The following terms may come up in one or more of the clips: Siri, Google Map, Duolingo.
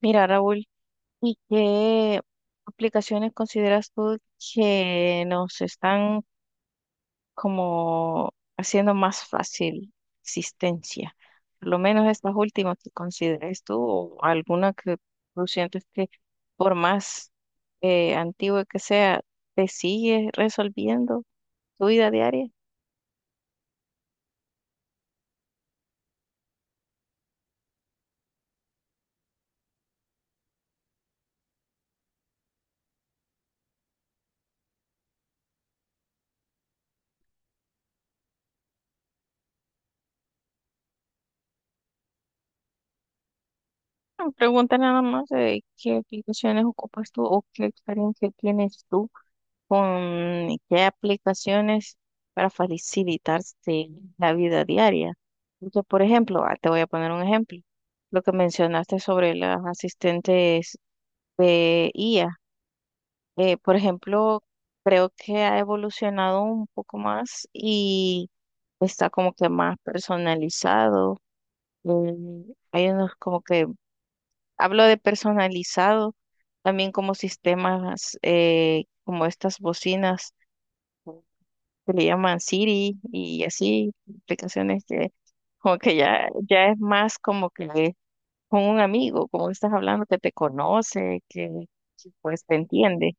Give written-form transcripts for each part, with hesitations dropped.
Mira, Raúl, ¿y qué aplicaciones consideras tú que nos están como haciendo más fácil existencia? Por lo menos estas últimas que consideres tú o alguna que tú sientes que por más antigua que sea, te sigue resolviendo tu vida diaria. No, pregunta nada más de qué aplicaciones ocupas tú o qué experiencia tienes tú con qué aplicaciones para facilitarse la vida diaria. Porque, por ejemplo, te voy a poner un ejemplo, lo que mencionaste sobre las asistentes de IA. Por ejemplo, creo que ha evolucionado un poco más y está como que más personalizado. Mm, hay unos como que, hablo de personalizado, también como sistemas, como estas bocinas que le llaman Siri y así, aplicaciones que como que ya, ya es más como que con un amigo, como que estás hablando, que te conoce, que, pues te entiende.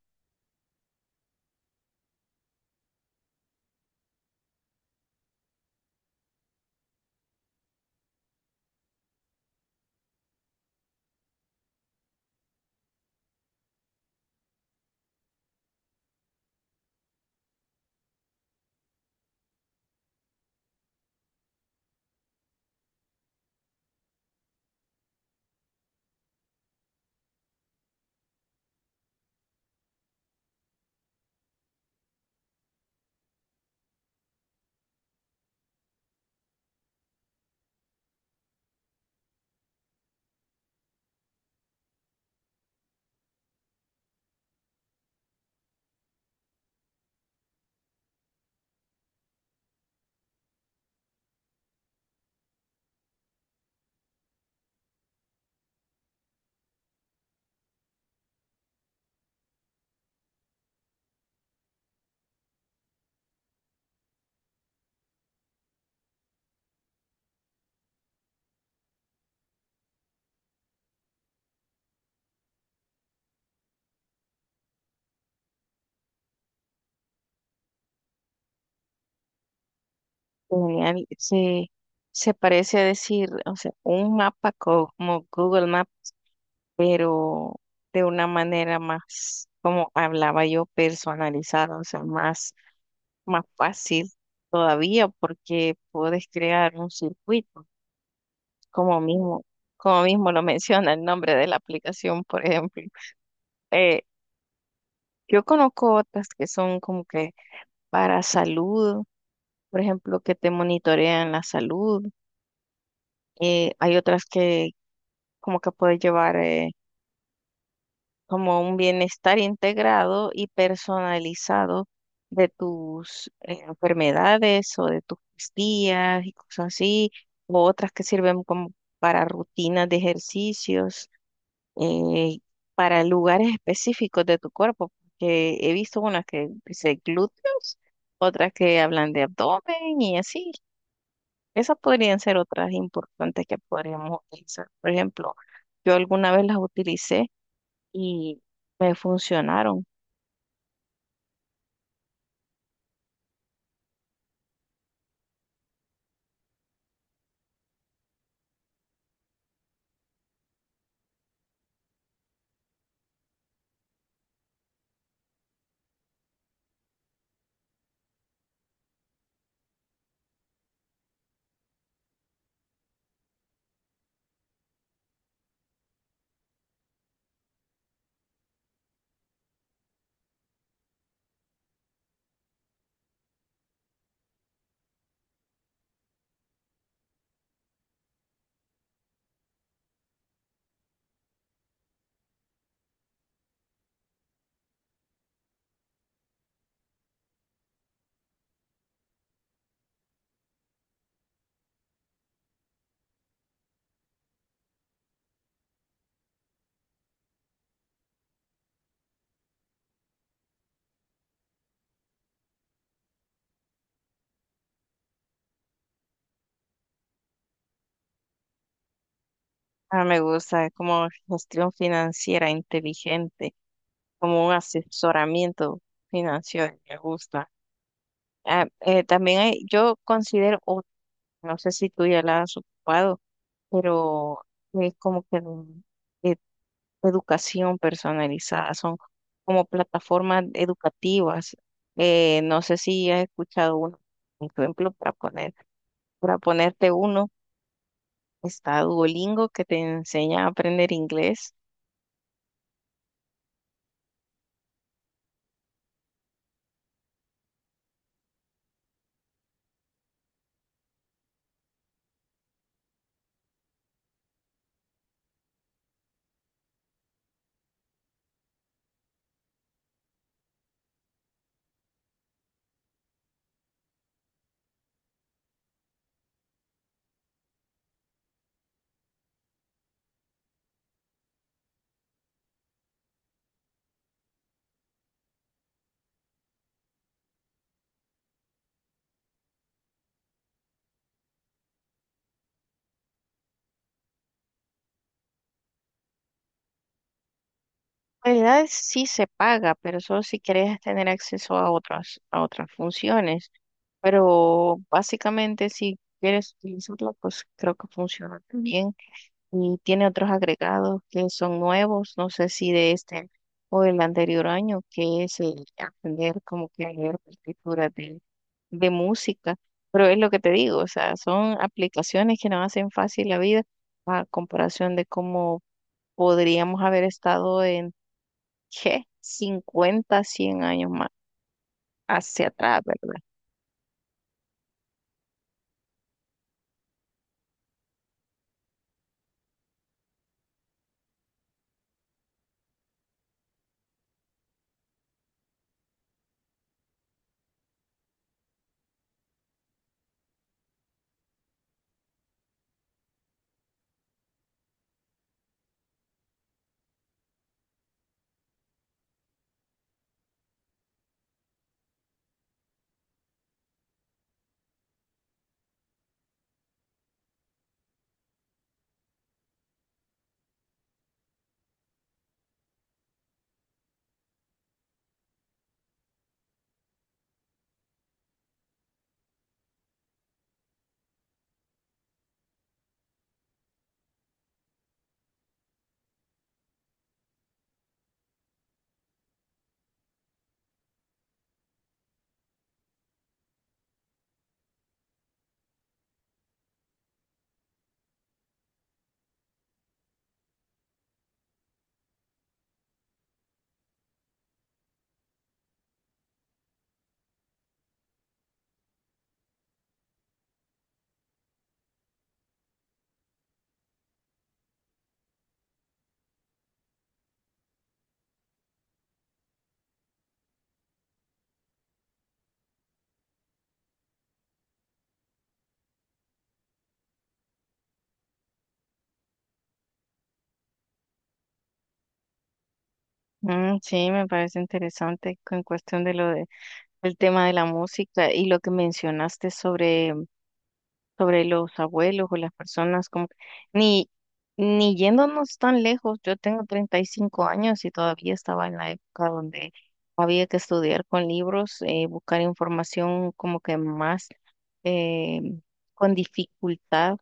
Genial. Se parece a decir, o sea, un mapa como Google Map, pero de una manera más, como hablaba yo, personalizada, o sea, más, más fácil todavía porque puedes crear un circuito como mismo, como mismo lo menciona el nombre de la aplicación, por ejemplo. Eh, yo conozco otras que son como que para salud, por ejemplo, que te monitorean la salud. Hay otras que como que puedes llevar como un bienestar integrado y personalizado de tus enfermedades o de tus días y cosas así, o otras que sirven como para rutinas de ejercicios. eh, para lugares específicos de tu cuerpo, porque he visto unas que dice glúteos, otras que hablan de abdomen y así. Esas podrían ser otras importantes que podríamos utilizar. Por ejemplo, yo alguna vez las utilicé y me funcionaron. Ah, me gusta, es como gestión financiera inteligente, como un asesoramiento financiero, me gusta. También yo considero, otra, no sé si tú ya la has ocupado, pero es como que eh, educación personalizada, son como plataformas educativas. No sé si has escuchado uno, por ejemplo, para ponerte uno, está Duolingo que te enseña a aprender inglés. En realidad sí se paga, pero solo si quieres tener acceso a a otras funciones. Pero básicamente si quieres utilizarla, pues creo que funciona también y tiene otros agregados que son nuevos, no sé si de este o del anterior año, que es el aprender como que a leer partituras de música, pero es lo que te digo, o sea, son aplicaciones que nos hacen fácil la vida a comparación de cómo podríamos haber estado ¿qué? Cincuenta 100 años más hacia atrás, ¿verdad? Mm, sí, me parece interesante con cuestión de lo de, el tema de la música y lo que mencionaste sobre los abuelos o las personas, como que- ni, ni yéndonos tan lejos, yo tengo 35 años y todavía estaba en la época donde había que estudiar con libros, buscar información como que más eh, con dificultad,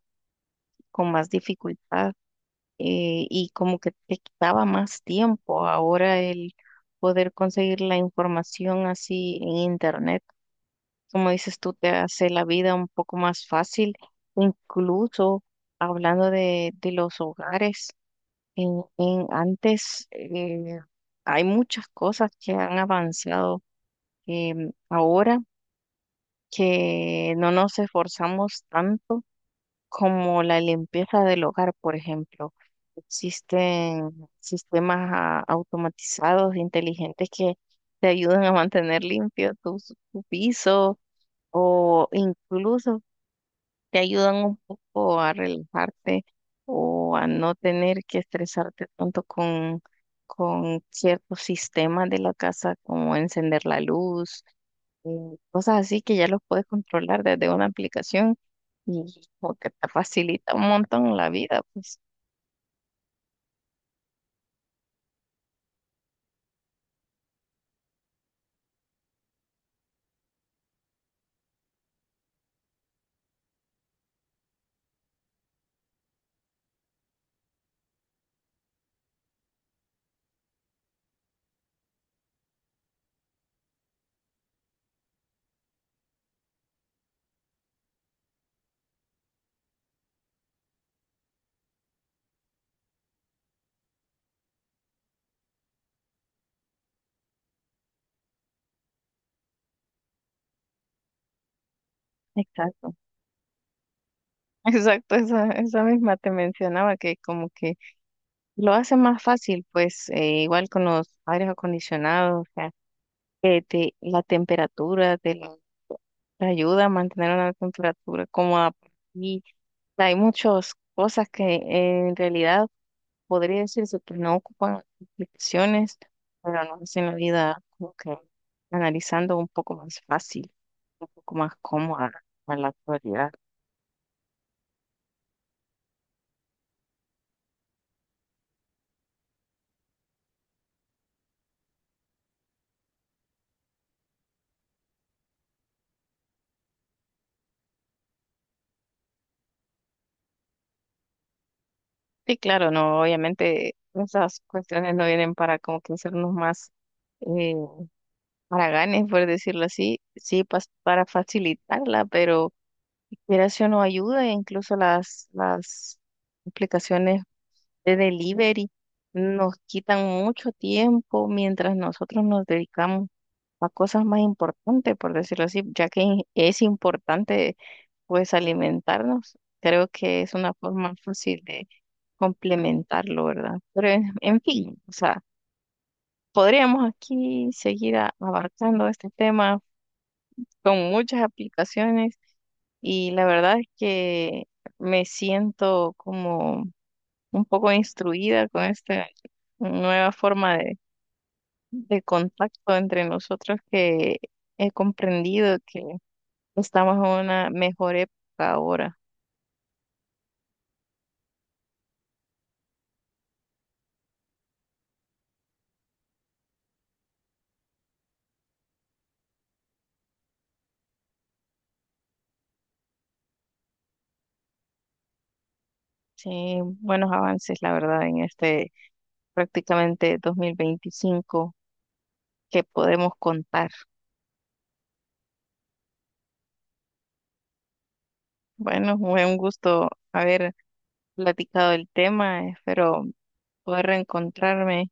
con más dificultad y como que te quitaba más tiempo. Ahora el poder conseguir la información así en internet como dices tú, te hace la vida un poco más fácil, incluso hablando de los hogares. En antes hay muchas cosas que han avanzado ahora que no nos esforzamos tanto como la limpieza del hogar, por ejemplo. Existen sistemas automatizados, inteligentes que te ayudan a mantener limpio tu piso o incluso te ayudan un poco a relajarte o a no tener que estresarte tanto con ciertos sistemas de la casa, como encender la luz, eh, cosas así que ya los puedes controlar desde una aplicación y como que te facilita un montón la vida, pues. Exacto. Exacto, esa misma te mencionaba que como que lo hace más fácil, pues igual con los aires acondicionados, de la temperatura, te ayuda a mantener una temperatura cómoda. Y hay muchas cosas que en realidad podría decirse que no ocupan aplicaciones, pero nos hacen la vida como que analizando un poco más fácil, un poco más cómoda en la actualidad. Sí, claro, no, obviamente esas cuestiones no vienen para como que hacernos más eh, haraganes, por decirlo así, sí, para facilitarla, pero mira si uno ayuda, e incluso las aplicaciones de delivery nos quitan mucho tiempo mientras nosotros nos dedicamos a cosas más importantes, por decirlo así, ya que es importante pues alimentarnos. Creo que es una forma fácil de complementarlo, ¿verdad? Pero en fin, o sea, podríamos aquí seguir abarcando este tema con muchas aplicaciones y la verdad es que me siento como un poco instruida con esta nueva forma de contacto entre nosotros que he comprendido que estamos en una mejor época ahora. Sí, buenos avances, la verdad, en este prácticamente 2025 que podemos contar. Bueno, fue un gusto haber platicado el tema, espero poder reencontrarme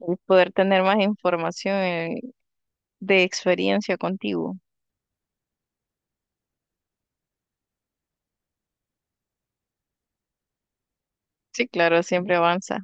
y poder tener más información de experiencia contigo. Sí, claro, siempre avanza.